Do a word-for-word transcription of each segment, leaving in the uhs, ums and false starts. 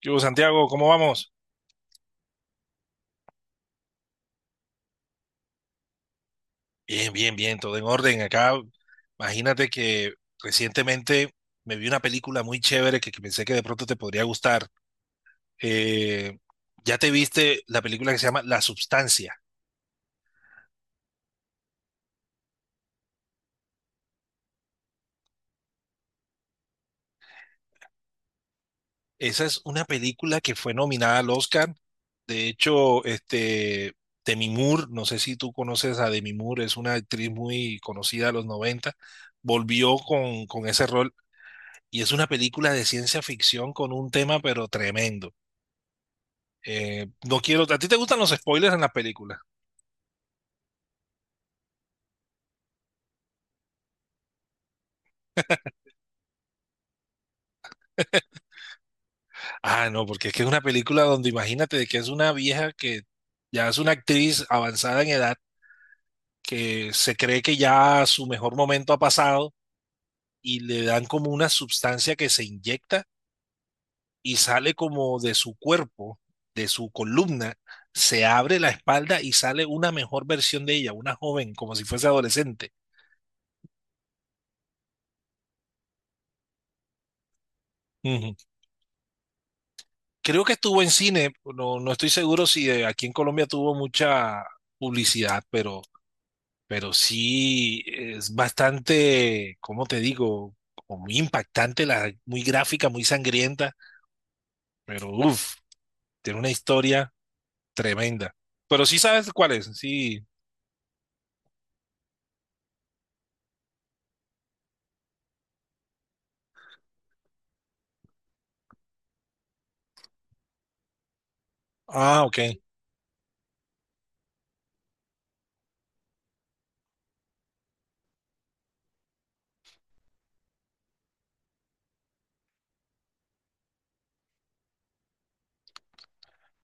¿Qué hubo, Santiago? ¿Cómo vamos? Bien, bien, bien, todo en orden. Acá, imagínate que recientemente me vi una película muy chévere que, que pensé que de pronto te podría gustar. Eh, ya te viste la película que se llama La Substancia. Esa es una película que fue nominada al Oscar. De hecho, este, Demi Moore, no sé si tú conoces a Demi Moore, es una actriz muy conocida de los noventa. Volvió con, con ese rol y es una película de ciencia ficción con un tema pero tremendo. Eh, no quiero. ¿A ti te gustan los spoilers en las películas? Ah, no, porque es que es una película donde imagínate de que es una vieja que ya es una actriz avanzada en edad, que se cree que ya su mejor momento ha pasado y le dan como una sustancia que se inyecta y sale como de su cuerpo, de su columna, se abre la espalda y sale una mejor versión de ella, una joven, como si fuese adolescente. Creo que estuvo en cine, no, no estoy seguro si eh, aquí en Colombia tuvo mucha publicidad, pero, pero sí es bastante, ¿cómo te digo? Como muy impactante, la, muy gráfica, muy sangrienta, pero uff, tiene una historia tremenda. Pero sí sabes cuál es, sí. Ah, ok.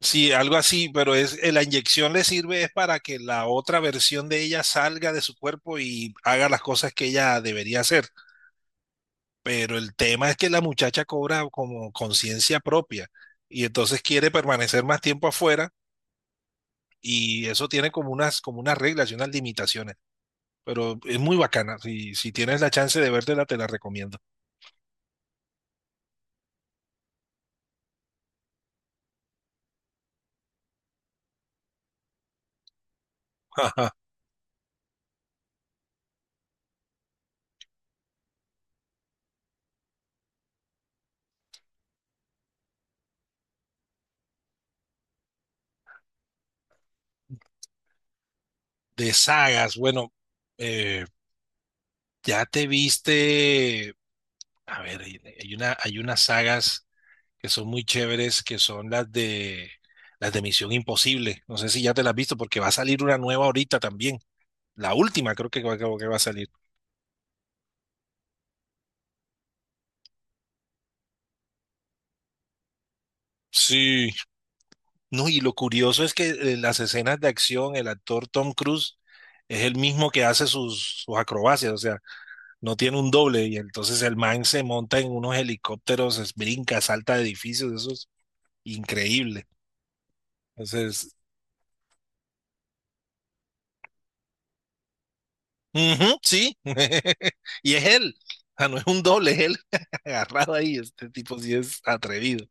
Sí, algo así, pero es eh, la inyección le sirve es para que la otra versión de ella salga de su cuerpo y haga las cosas que ella debería hacer. Pero el tema es que la muchacha cobra como conciencia propia y entonces quiere permanecer más tiempo afuera y eso tiene como unas, como unas reglas y unas limitaciones. Pero es muy bacana. Si, si tienes la chance de vértela, te la recomiendo. De sagas, bueno, eh, ya te viste. A ver, hay hay una, hay unas sagas que son muy chéveres, que son las de las de Misión Imposible. No sé si ya te las has visto, porque va a salir una nueva ahorita también. La última creo que va, que va a salir. Sí, no, y lo curioso es que en las escenas de acción, el actor Tom Cruise es el mismo que hace sus, sus acrobacias, o sea, no tiene un doble, y entonces el man se monta en unos helicópteros, es- brinca, salta de edificios, eso es increíble. Entonces, ujú, sí, y es él, o sea, no es un doble, es él agarrado ahí, este tipo sí es atrevido.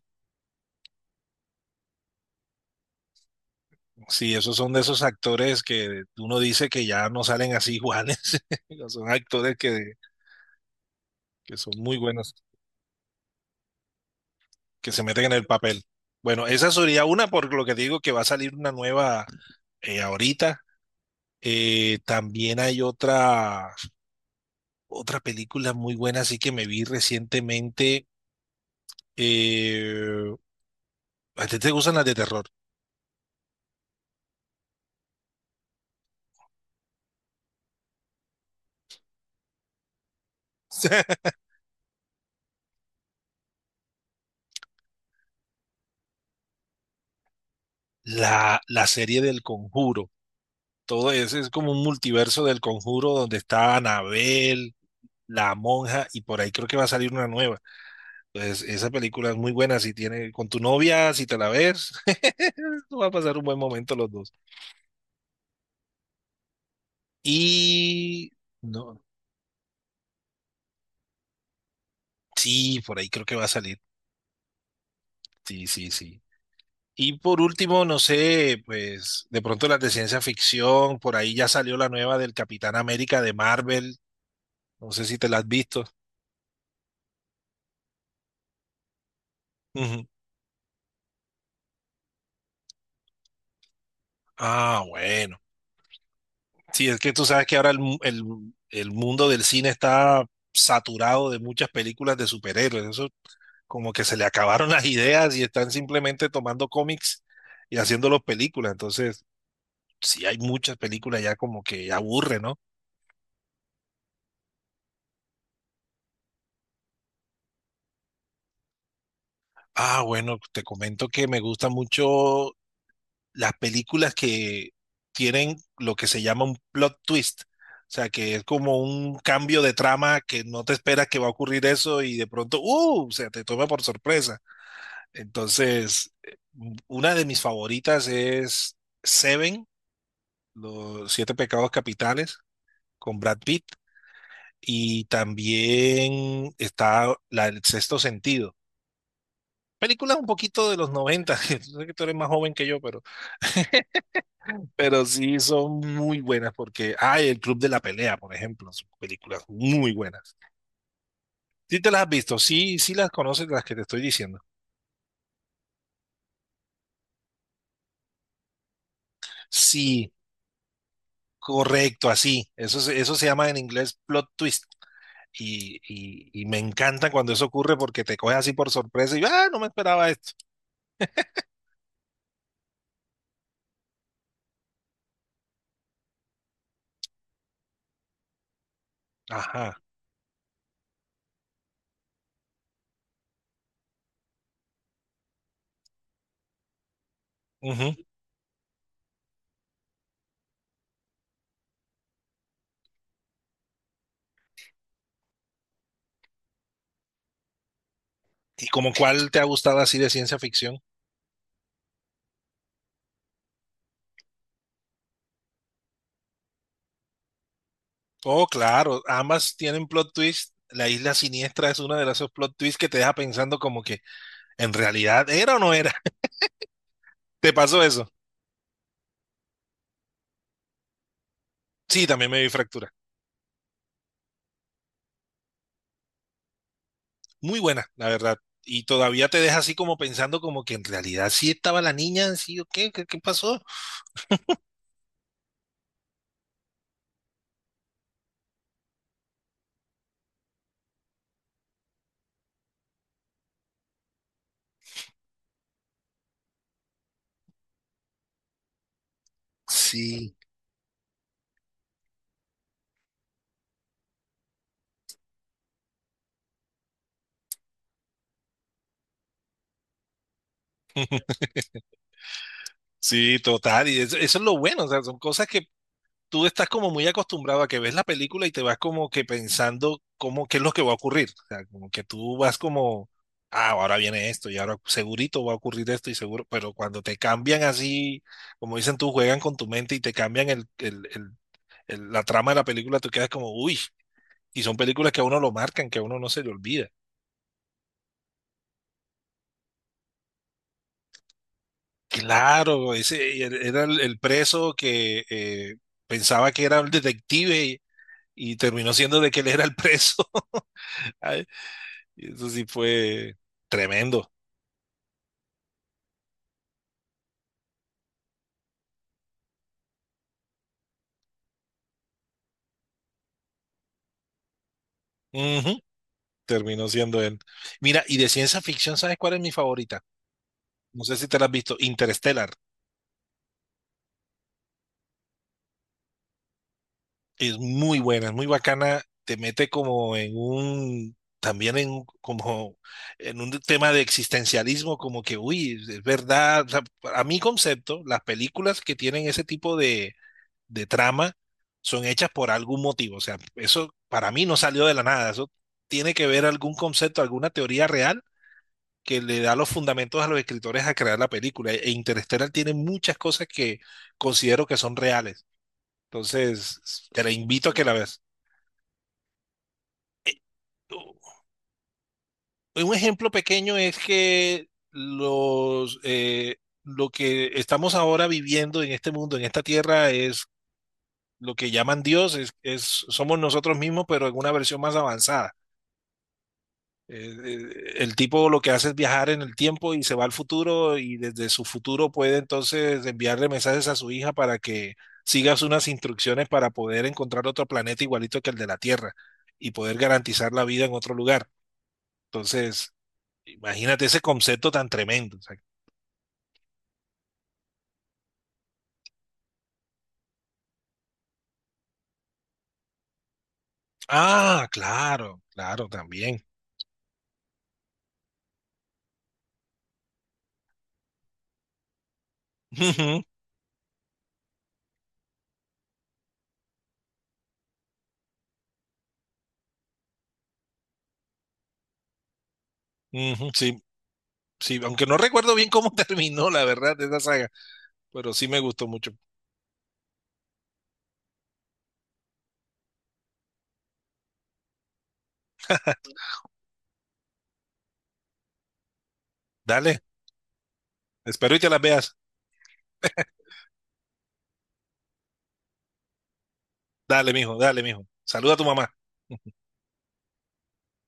Sí, esos son de esos actores que uno dice que ya no salen así iguales, son actores que, que son muy buenos. Que se meten en el papel. Bueno, esa sería una, por lo que digo que va a salir una nueva eh, ahorita. Eh, también hay otra, otra película muy buena, así que me vi recientemente. eh, ¿A ti te gustan las de terror? La, la serie del Conjuro. Todo eso es como un multiverso del Conjuro donde está Anabel, la monja, y por ahí creo que va a salir una nueva. Pues esa película es muy buena si tiene con tu novia, si te la ves, va a pasar un buen momento los dos. Y no, sí, por ahí creo que va a salir. Sí, sí, sí. Y por último, no sé, pues de pronto las de ciencia ficción, por ahí ya salió la nueva del Capitán América de Marvel, no sé si te la has visto. Ujú. Ah, bueno. Sí, es que tú sabes que ahora el, mu- el, el mundo del cine está saturado de muchas películas de superhéroes. Eso como que se le acabaron las ideas y están simplemente tomando cómics y haciéndolos películas. Entonces, sí hay muchas películas ya como que aburre, ¿no? Ah, bueno, te comento que me gustan mucho las películas que tienen lo que se llama un plot twist. O sea, que es como un cambio de trama que no te esperas que va a ocurrir eso y de pronto, ¡uh! O sea, te toma por sorpresa. Entonces, eh, una de mis favoritas es Seven, los siete pecados capitales. Con Brad Pitt. Y también está la, El Sexto Sentido. Películas un poquito de los noventa. Sé que tú eres más joven que yo, pero, pero sí son muy buenas porque, hay El Club de la Pelea, por ejemplo, son películas muy buenas. ¿Sí te las has visto? Sí, sí las conoces las que te estoy diciendo. Sí, correcto, así. Eso, se- eso se llama en inglés plot twist. Y, y, y me encanta cuando eso ocurre porque te coge así por sorpresa y, ah, no me esperaba esto. Ajá. Ujú. ¿Y como cuál te ha gustado así de ciencia ficción? Oh, claro, ambas tienen plot twist. La isla siniestra es una de esos plot twists que te deja pensando como que en realidad era o no era. ¿Te pasó eso? Sí, también me vi Fractura. Muy buena, la verdad. Y todavía te deja así como pensando como que en realidad sí estaba la niña, sí o qué, qué, qué pasó. Sí, sí, total. Y eso, eso es lo bueno, o sea, son cosas que tú estás como muy acostumbrado a que ves la película y te vas como que pensando cómo, qué es lo que va a ocurrir. O sea, como que tú vas como, ah, ahora viene esto y ahora segurito va a ocurrir esto y seguro, pero cuando te cambian así, como dicen tú, juegan con tu mente y te cambian el, el, el, el- la trama de la película, tú quedas como, uy, y son películas que a uno lo marcan, que a uno no se le olvida. Claro, ese er- era el, el preso que eh, pensaba que era el detective y, y terminó siendo de que él era el preso. Y eso sí fue tremendo. Ujú, terminó siendo él. Mira, y de ciencia ficción, ¿sabes cuál es mi favorita? No sé si te la has visto. Interstellar. Es muy buena, es muy bacana. Te mete como en un, también en un- como en un tema de existencialismo, como que, uy, es verdad. O sea, a mi concepto, las películas que tienen ese tipo de, de trama son hechas por algún motivo. O sea, eso para mí no salió de la nada. Eso tiene que ver algún concepto, alguna teoría real que le da los fundamentos a los escritores a crear la película. E Interstellar tiene muchas cosas que considero que son reales. Entonces, te la invito a que la veas. Un ejemplo pequeño es que los, eh, lo que estamos ahora viviendo en este mundo, en esta tierra, es lo que llaman Dios, es, es, somos nosotros mismos, pero en una versión más avanzada. Eh, eh, el tipo lo que hace es viajar en el tiempo y se va al futuro y desde su futuro puede entonces enviarle mensajes a su hija para que sigas unas instrucciones para poder encontrar otro planeta igualito que el de la Tierra y poder garantizar la vida en otro lugar. Entonces, imagínate ese concepto tan tremendo. O sea, ah, claro, claro, también. Ujú, ujú, sí, sí, aunque no recuerdo bien cómo terminó, la verdad, de esa saga, pero sí me gustó mucho. Dale, espero y te las veas. Dale, mijo, dale, mijo. Saluda a tu mamá.